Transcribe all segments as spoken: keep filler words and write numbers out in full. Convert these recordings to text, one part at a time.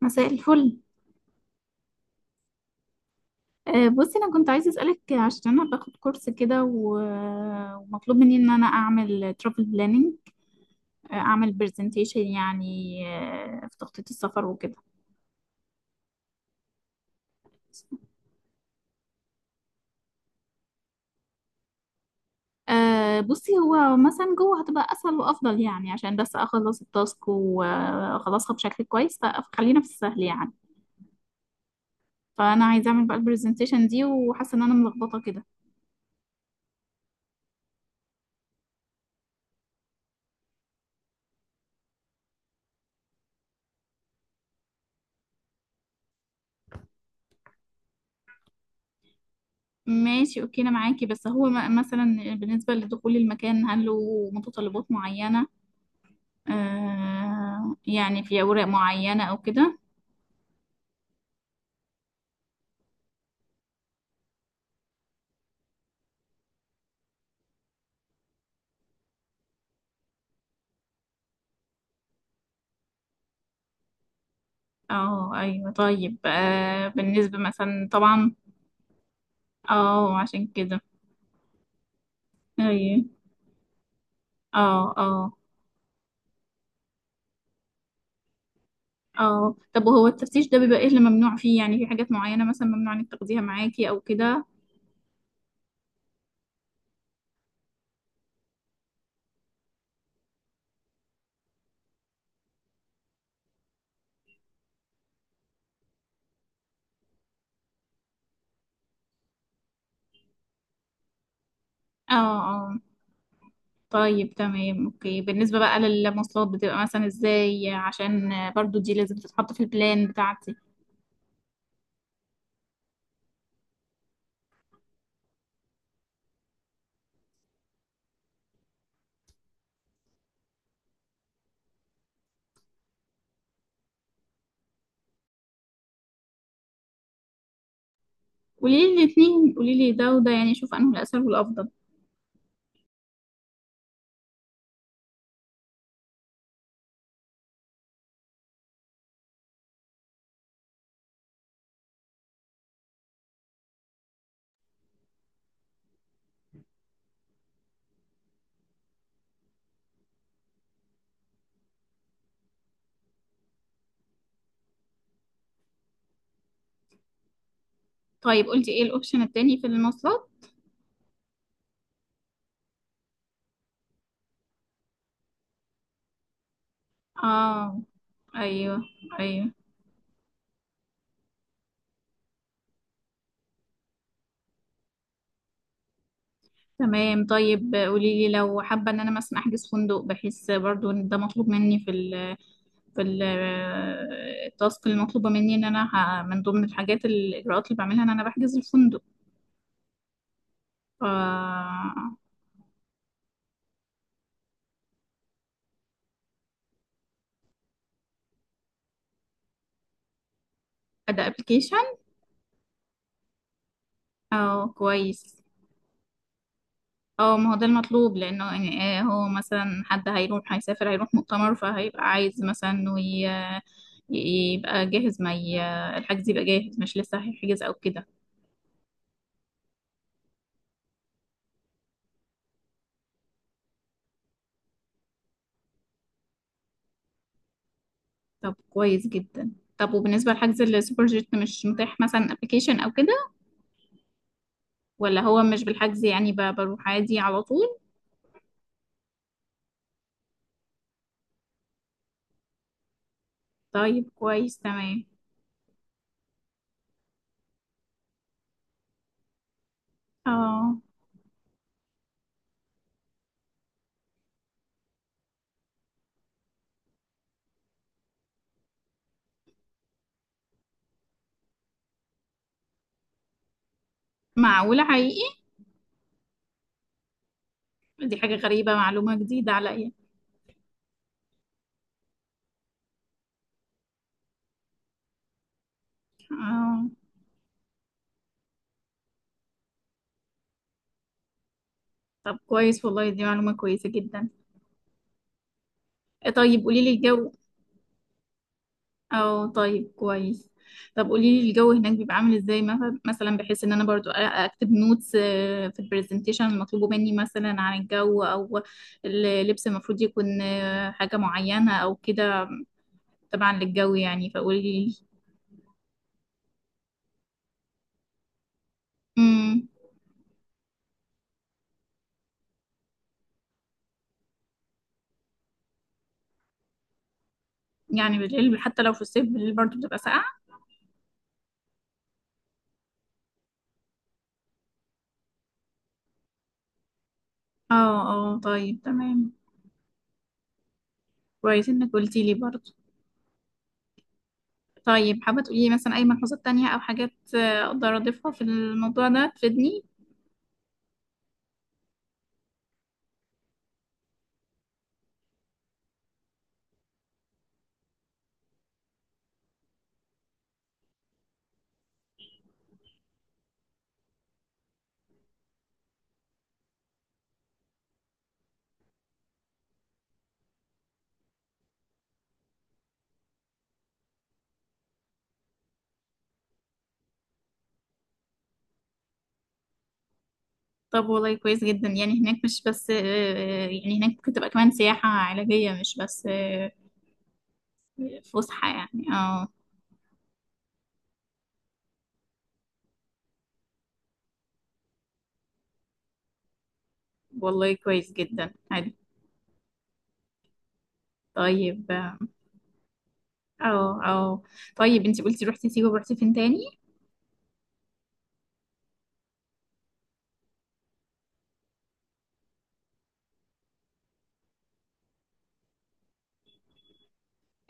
مساء الفل. آه، بصي، انا كنت عايزه اسالك عشان انا باخد كورس كده و- ومطلوب مني ان انا اعمل ترافل بلاننج، اعمل برزنتيشن يعني، آه، في تخطيط السفر وكده. آه، بصي، هو مثلا جوه هتبقى اسهل وافضل يعني، عشان بس اخلص التاسك واخلصها بشكل كويس، فخلينا في السهل يعني. فانا عايزه اعمل بقى البرزنتيشن دي وحاسه ان انا ملخبطه كده. ماشي اوكي، انا معاكي. بس هو م- مثلا بالنسبه لدخول المكان هل له متطلبات معينه، آه يعني في أوراق معينة أو كده؟ اه أيوة. طيب آه بالنسبة مثلا طبعا، اه عشان كده. أيوة، اه اه. اه طب وهو التفتيش ده بيبقى ايه اللي ممنوع فيه يعني؟ في حاجات معينة مثلا ممنوع انك تاخديها معاكي أو كده؟ اه اه. طيب تمام اوكي. بالنسبة بقى للمواصلات بتبقى مثلا ازاي؟ عشان آه، برضو دي لازم تتحط في البلان بتاعتي. قولي لي الاتنين، قولي لي ده وده يعني، شوف انه الأسهل والأفضل. طيب قلتي ايه الاوبشن التاني في المواصلات؟ اه ايوه ايوه. تمام. طيب قولي لي لو حابه ان انا مثلا احجز فندق، بحيث برضو ان ده مطلوب مني في ال في ال- التاسك المطلوبه مني، ان انا ه- من ضمن الحاجات الاجراءات اللي بعملها ان انا بحجز الفندق، ف... ده ابلكيشن؟ اه كويس. اه ما هو ده المطلوب، لانه يعني آه، هو مثلا حد هيروح هيسافر هيروح مؤتمر، فهيبقى عايز مثلا انه ي- يبقى جاهز، ما ي- الحجز يبقى جاهز، مش لسه هيحجز او كده. طب كويس جدا. طب وبالنسبة لحجز السوبر جيت، مش متاح مثلا ابلكيشن او كده؟ ولا هو مش بالحجز يعني، ب- بروح عادي على طول؟ طيب كويس تمام. اه معقولة حقيقي. دي حاجة غريبة، معلومة جديدة عليا. اه. طب كويس والله، دي معلومة كويسة جدا. إيه، طيب قولي لي الجو. اه طيب كويس. طب قولي لي الجو هناك بيبقى عامل ازاي؟ مف- مثلا بحيث ان انا برضو أ- اكتب نوتس آه، في البرزنتيشن المطلوبه مني، مثلا عن الجو او اللبس المفروض يكون آه، حاجه معينه او كده. طبعا للجو يعني، فقولي لي. امم يعني بالليل حتى لو في الصيف، بالليل برضو بتبقى ساقعه؟ اه اه. طيب تمام، كويس انك قلتي لي برضو. طيب حابه تقولي لي مثلا اي ملحوظات تانية او حاجات آه، اقدر اضيفها في الموضوع ده تفيدني؟ طب والله كويس جدا. يعني هناك مش بس آه، آه، يعني هناك ممكن تبقى كمان سياحة علاجية، مش بس آه، فسحة يعني، اه. والله كويس جدا، حلو. طيب اه اه آه. طيب انتي قلتي روحتي سيوة ورحتي فين تاني؟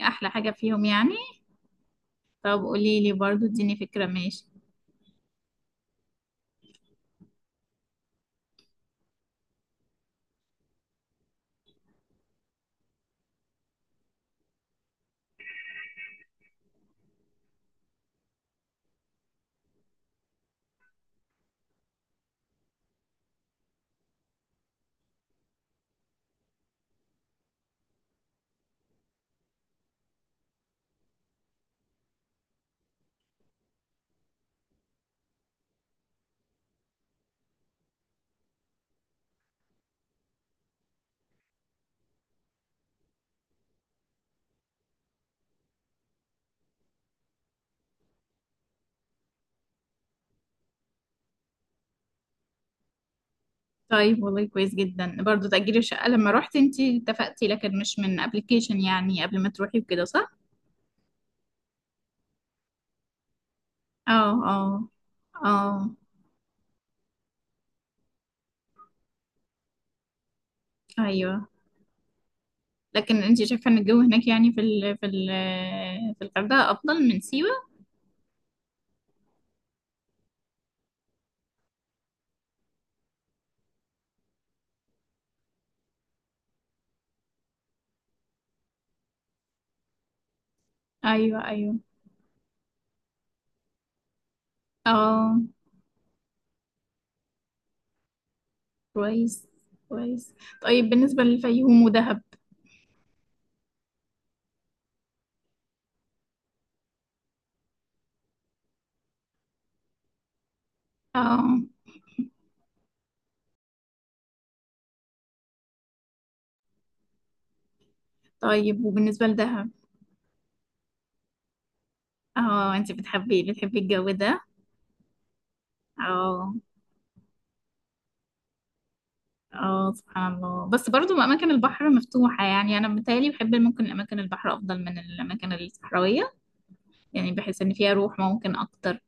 احلى حاجة فيهم يعني؟ طب قولي لي برضو، اديني فكرة، ماشي. طيب والله كويس جدا. برضو تأجير الشقة لما روحتي انتي اتفقتي، لكن مش من ابلكيشن يعني قبل ما تروحي وكده، صح؟ اه اه اه. ايوه. لكن انت شايفه ان الجو هناك يعني في ال في ال في الغردقه افضل من سيوه؟ ايوه ايوه. اه كويس كويس. طيب بالنسبه للفيوم ودهب. اه. طيب وبالنسبه لدهب. اه انت بتحبي بتحبي الجو ده. اه اه، سبحان الله. بس برضو اماكن البحر مفتوحه يعني، انا متهيألي بحب ممكن اماكن البحر افضل من الاماكن الصحراويه، يعني بحس ان فيها روح ممكن اكتر.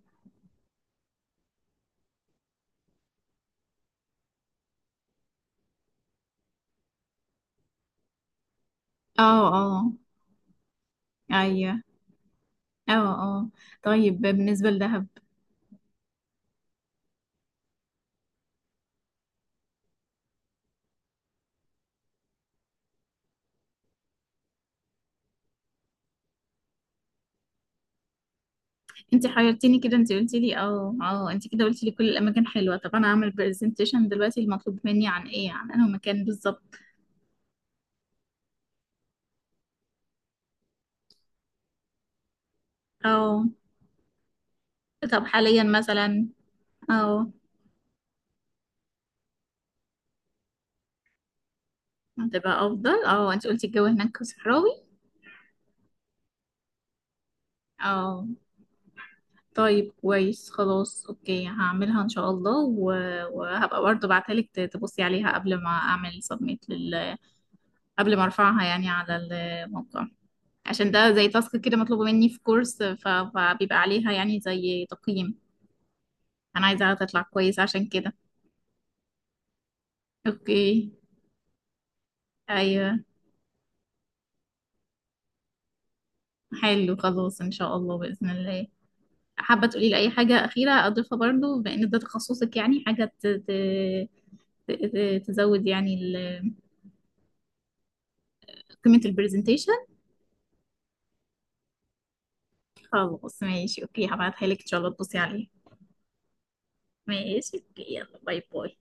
اه اه ايوه اه اه. طيب بالنسبه لدهب. انت حيرتيني كده، انت قلتي لي اه اه، انت كده قلتي لي كل الاماكن حلوه، طب انا هعمل برزنتيشن دلوقتي المطلوب مني عن ايه، عن انه مكان بالظبط؟ اه. طب حاليا مثلا. اه هتبقى افضل. اه انت قلتي الجو هناك صحراوي. اه. طيب كويس خلاص اوكي، هعملها ان شاء الله و... وهبقى برضه بعتلك ت- تبصي عليها قبل ما اعمل سبميت لل... قبل ما ارفعها يعني على الموقع، عشان ده زي تاسك كده مطلوبة مني في كورس، ف- فبيبقى عليها يعني زي تقييم. انا عايزاها تطلع كويسة، عشان كده. اوكي. ايوه. حلو خلاص ان شاء الله، باذن الله. حابة تقولي لي اي حاجة اخيرة اضيفها، برضو بان ده تخصصك يعني، حاجة ت... ت... ت... ت- تزود يعني ال... قيمة البرزنتيشن؟ خلاص ماشي اوكي، هبعتها لك ان شاء الله تبصي عليها. ماشي اوكي، يلا باي باي.